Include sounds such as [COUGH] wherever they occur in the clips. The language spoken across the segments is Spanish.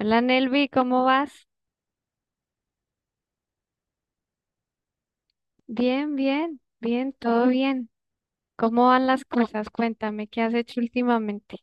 Hola Nelvi, ¿cómo vas? Bien, bien, bien, todo bien. ¿Cómo van las cosas? Cuéntame, ¿qué has hecho últimamente?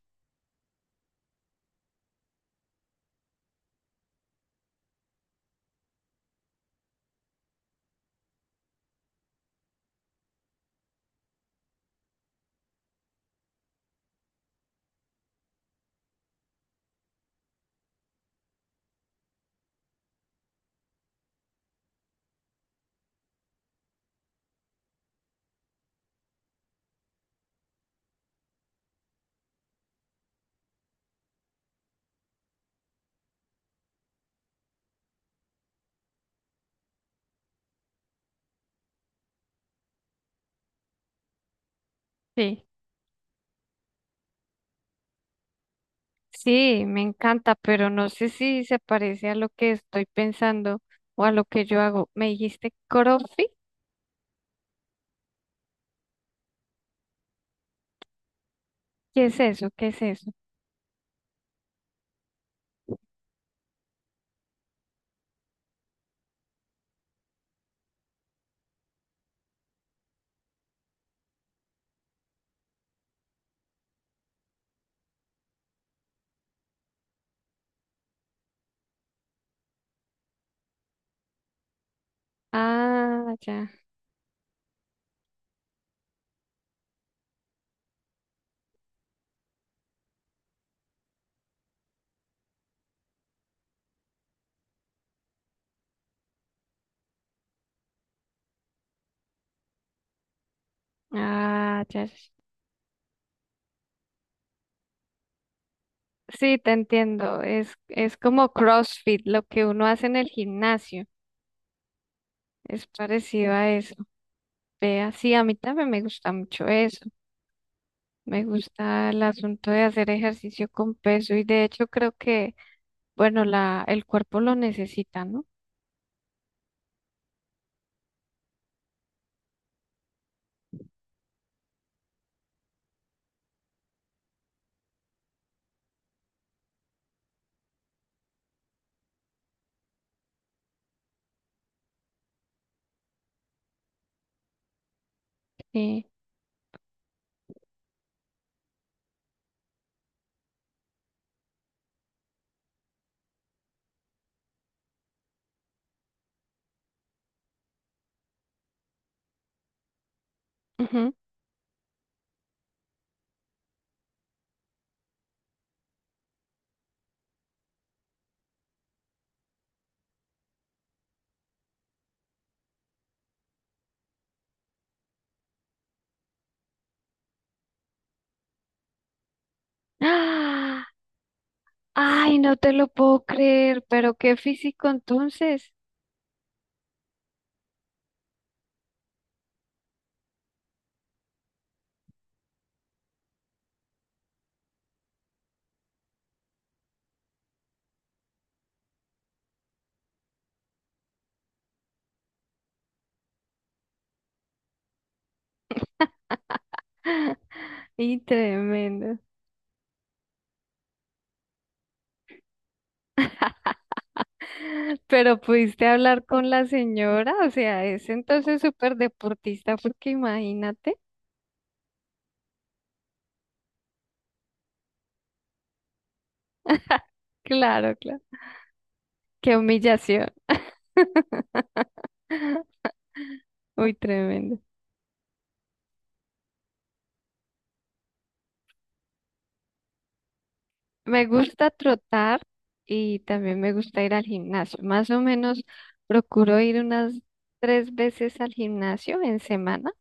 Sí, sí, me encanta, pero no sé si se parece a lo que estoy pensando o a lo que yo hago. ¿Me dijiste CrossFit? ¿Qué es eso? ¿Qué es eso? Ah, ya. Ah, ya, ya. Sí, te entiendo. Es como CrossFit, lo que uno hace en el gimnasio. Es parecido a eso. Vea, sí, a mí también me gusta mucho eso. Me gusta el asunto de hacer ejercicio con peso y de hecho creo que, bueno, el cuerpo lo necesita, ¿no? Sí. Ujú. ¡Ah! Ay, no te lo puedo creer, pero qué físico entonces. [LAUGHS] Y tremendo. Pero pudiste hablar con la señora, o sea, es entonces súper deportista, porque imagínate. Claro, claro. Qué humillación. Uy, tremendo. Me gusta trotar y también me gusta ir al gimnasio. Más o menos procuro ir unas tres veces al gimnasio en semana.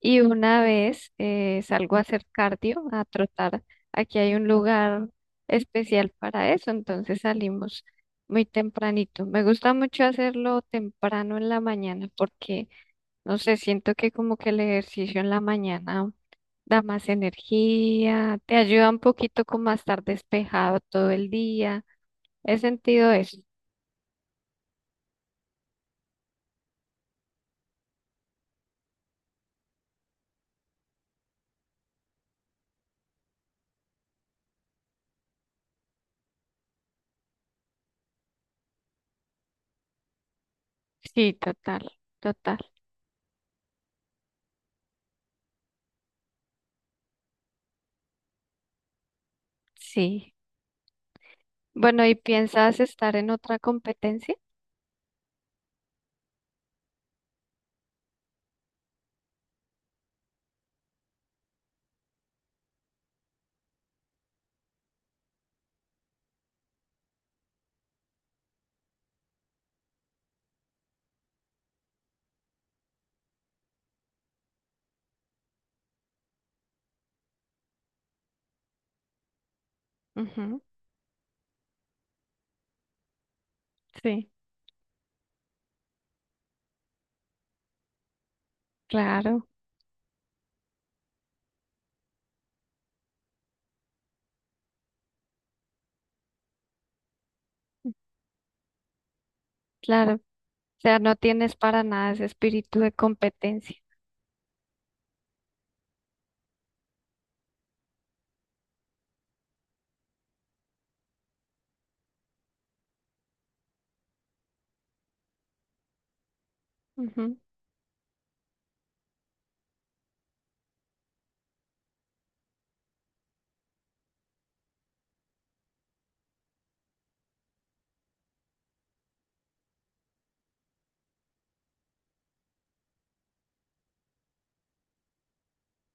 Y una vez salgo a hacer cardio, a trotar, aquí hay un lugar especial para eso, entonces salimos muy tempranito. Me gusta mucho hacerlo temprano en la mañana porque, no sé, siento que como que el ejercicio en la mañana da más energía, te ayuda un poquito como a estar despejado todo el día. He sentido eso. Sí, total, total. Sí. Bueno, ¿y piensas estar en otra competencia? Ujú. Sí. Claro, claro. O sea, no tienes para nada ese espíritu de competencia. Ujú.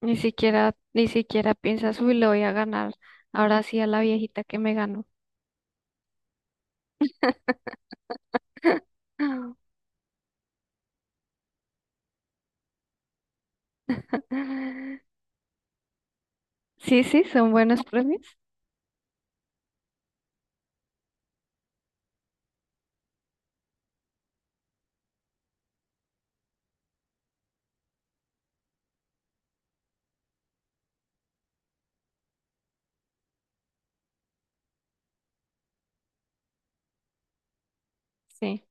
Ni siquiera, ni siquiera piensas, uy, le voy a ganar. Ahora sí a la viejita que me ganó. [LAUGHS] Sí, sí, son buenos premios. Sí,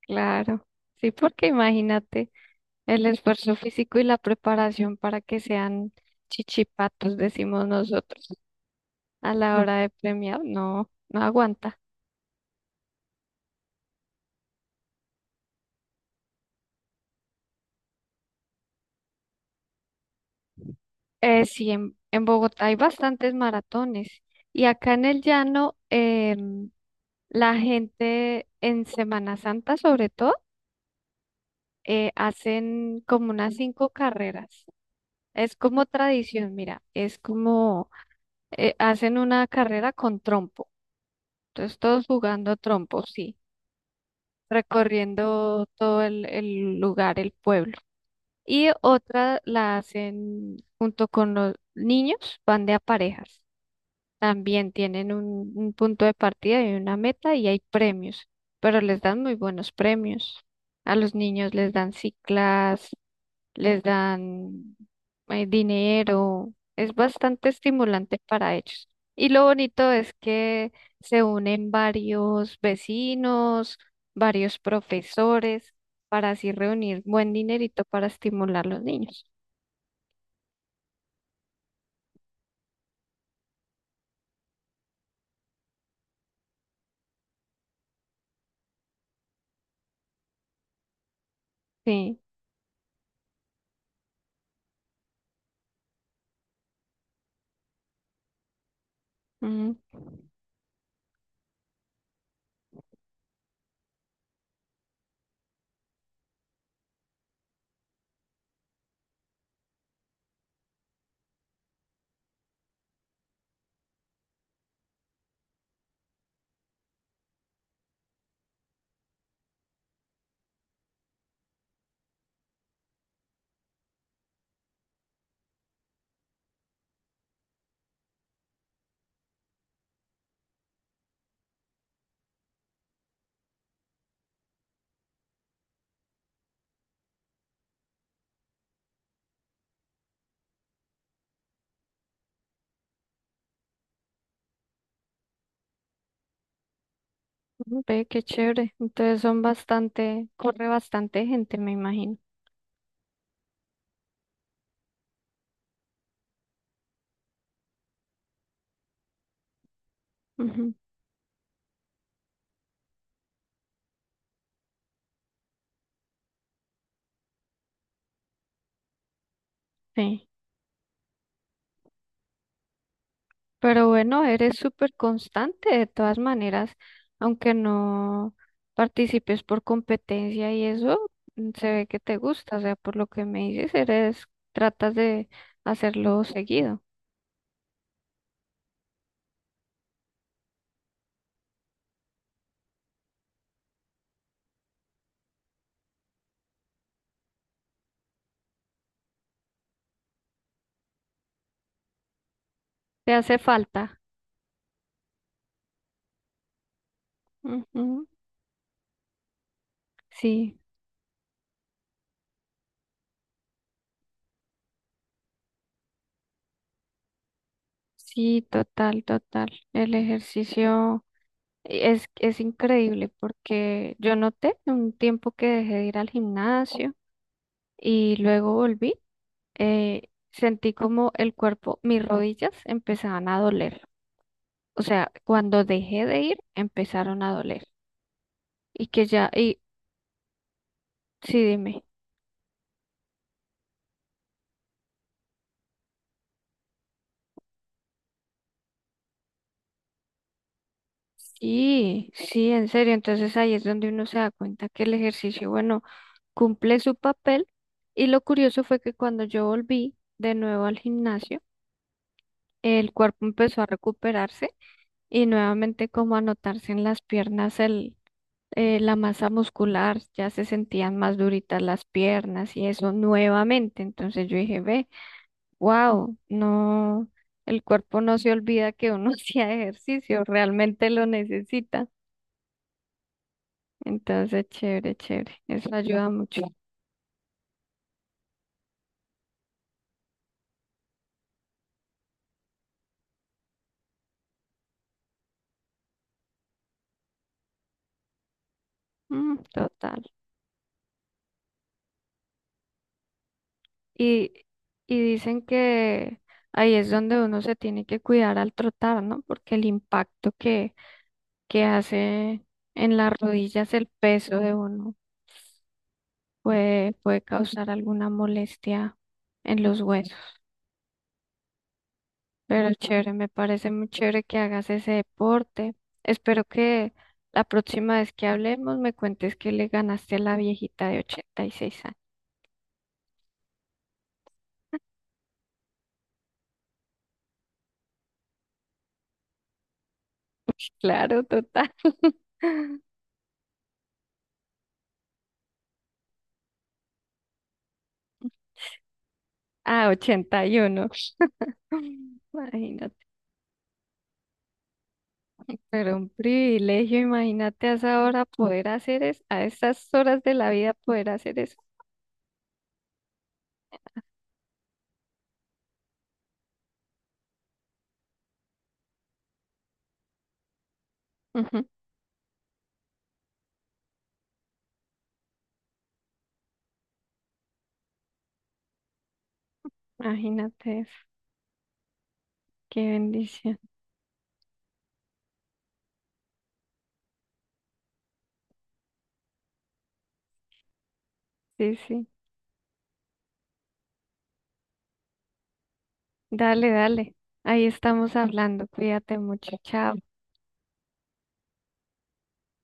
claro. Sí, porque imagínate el esfuerzo físico y la preparación para que sean chichipatos, decimos nosotros, a la hora de premiar, no, no aguanta. Sí, en Bogotá hay bastantes maratones y acá en el llano la gente en Semana Santa sobre todo hacen como unas cinco carreras. Es como tradición, mira, es como hacen una carrera con trompo. Entonces todos jugando trompo, sí, recorriendo todo el lugar, el pueblo. Y otra la hacen junto con los niños, van de a parejas. También tienen un punto de partida y una meta y hay premios, pero les dan muy buenos premios. A los niños les dan ciclas, les dan dinero. Es bastante estimulante para ellos. Y lo bonito es que se unen varios vecinos, varios profesores, para así reunir buen dinerito para estimular a los niños. Sí. Ve, qué chévere. Entonces son bastante, corre bastante gente, me imagino. Ujú. Sí. Pero bueno, eres súper constante de todas maneras, aunque no participes por competencia y eso, mm, se ve que te gusta. O sea, por lo que me dices, eres, tratas de hacerlo seguido. Te hace falta. Ujú. Sí, sí, total, total. El ejercicio. Es increíble porque yo noté un tiempo que dejé de ir al gimnasio y luego volví, sentí como el cuerpo, mis rodillas empezaban a doler. O sea, cuando dejé de ir, empezaron a doler. Y que ya, y sí, dime, sí, sí, en serio. Entonces ahí es donde uno se da cuenta que el ejercicio, bueno, cumple su papel. Y lo curioso fue que cuando yo volví de nuevo al gimnasio, el cuerpo empezó a recuperarse y nuevamente como anotarse en las piernas el, la masa muscular, ya se sentían más duritas las piernas y eso nuevamente. Entonces yo dije, ve, wow, no, el cuerpo no se olvida que uno [LAUGHS] hacía ejercicio, realmente lo necesita. Entonces, chévere, chévere, eso ayuda mucho. Mm, total. Y, y dicen que ahí es donde uno se tiene que cuidar al trotar, ¿no? Porque el impacto que hace en las rodillas el peso de uno puede, puede causar alguna molestia en los huesos. Pero chévere, me parece muy chévere que hagas ese deporte. Espero que la próxima vez que hablemos me cuentes que le ganaste a la viejita de 86 años. [LAUGHS] Claro, total. Ah, 81. [LAUGHS] Imagínate. Pero un privilegio, imagínate a esa hora poder hacer eso, a estas horas de la vida poder hacer eso. Ujú. Imagínate eso. Qué bendición. Sí, sí. Dale, dale. Ahí estamos hablando. Cuídate mucho. Chao.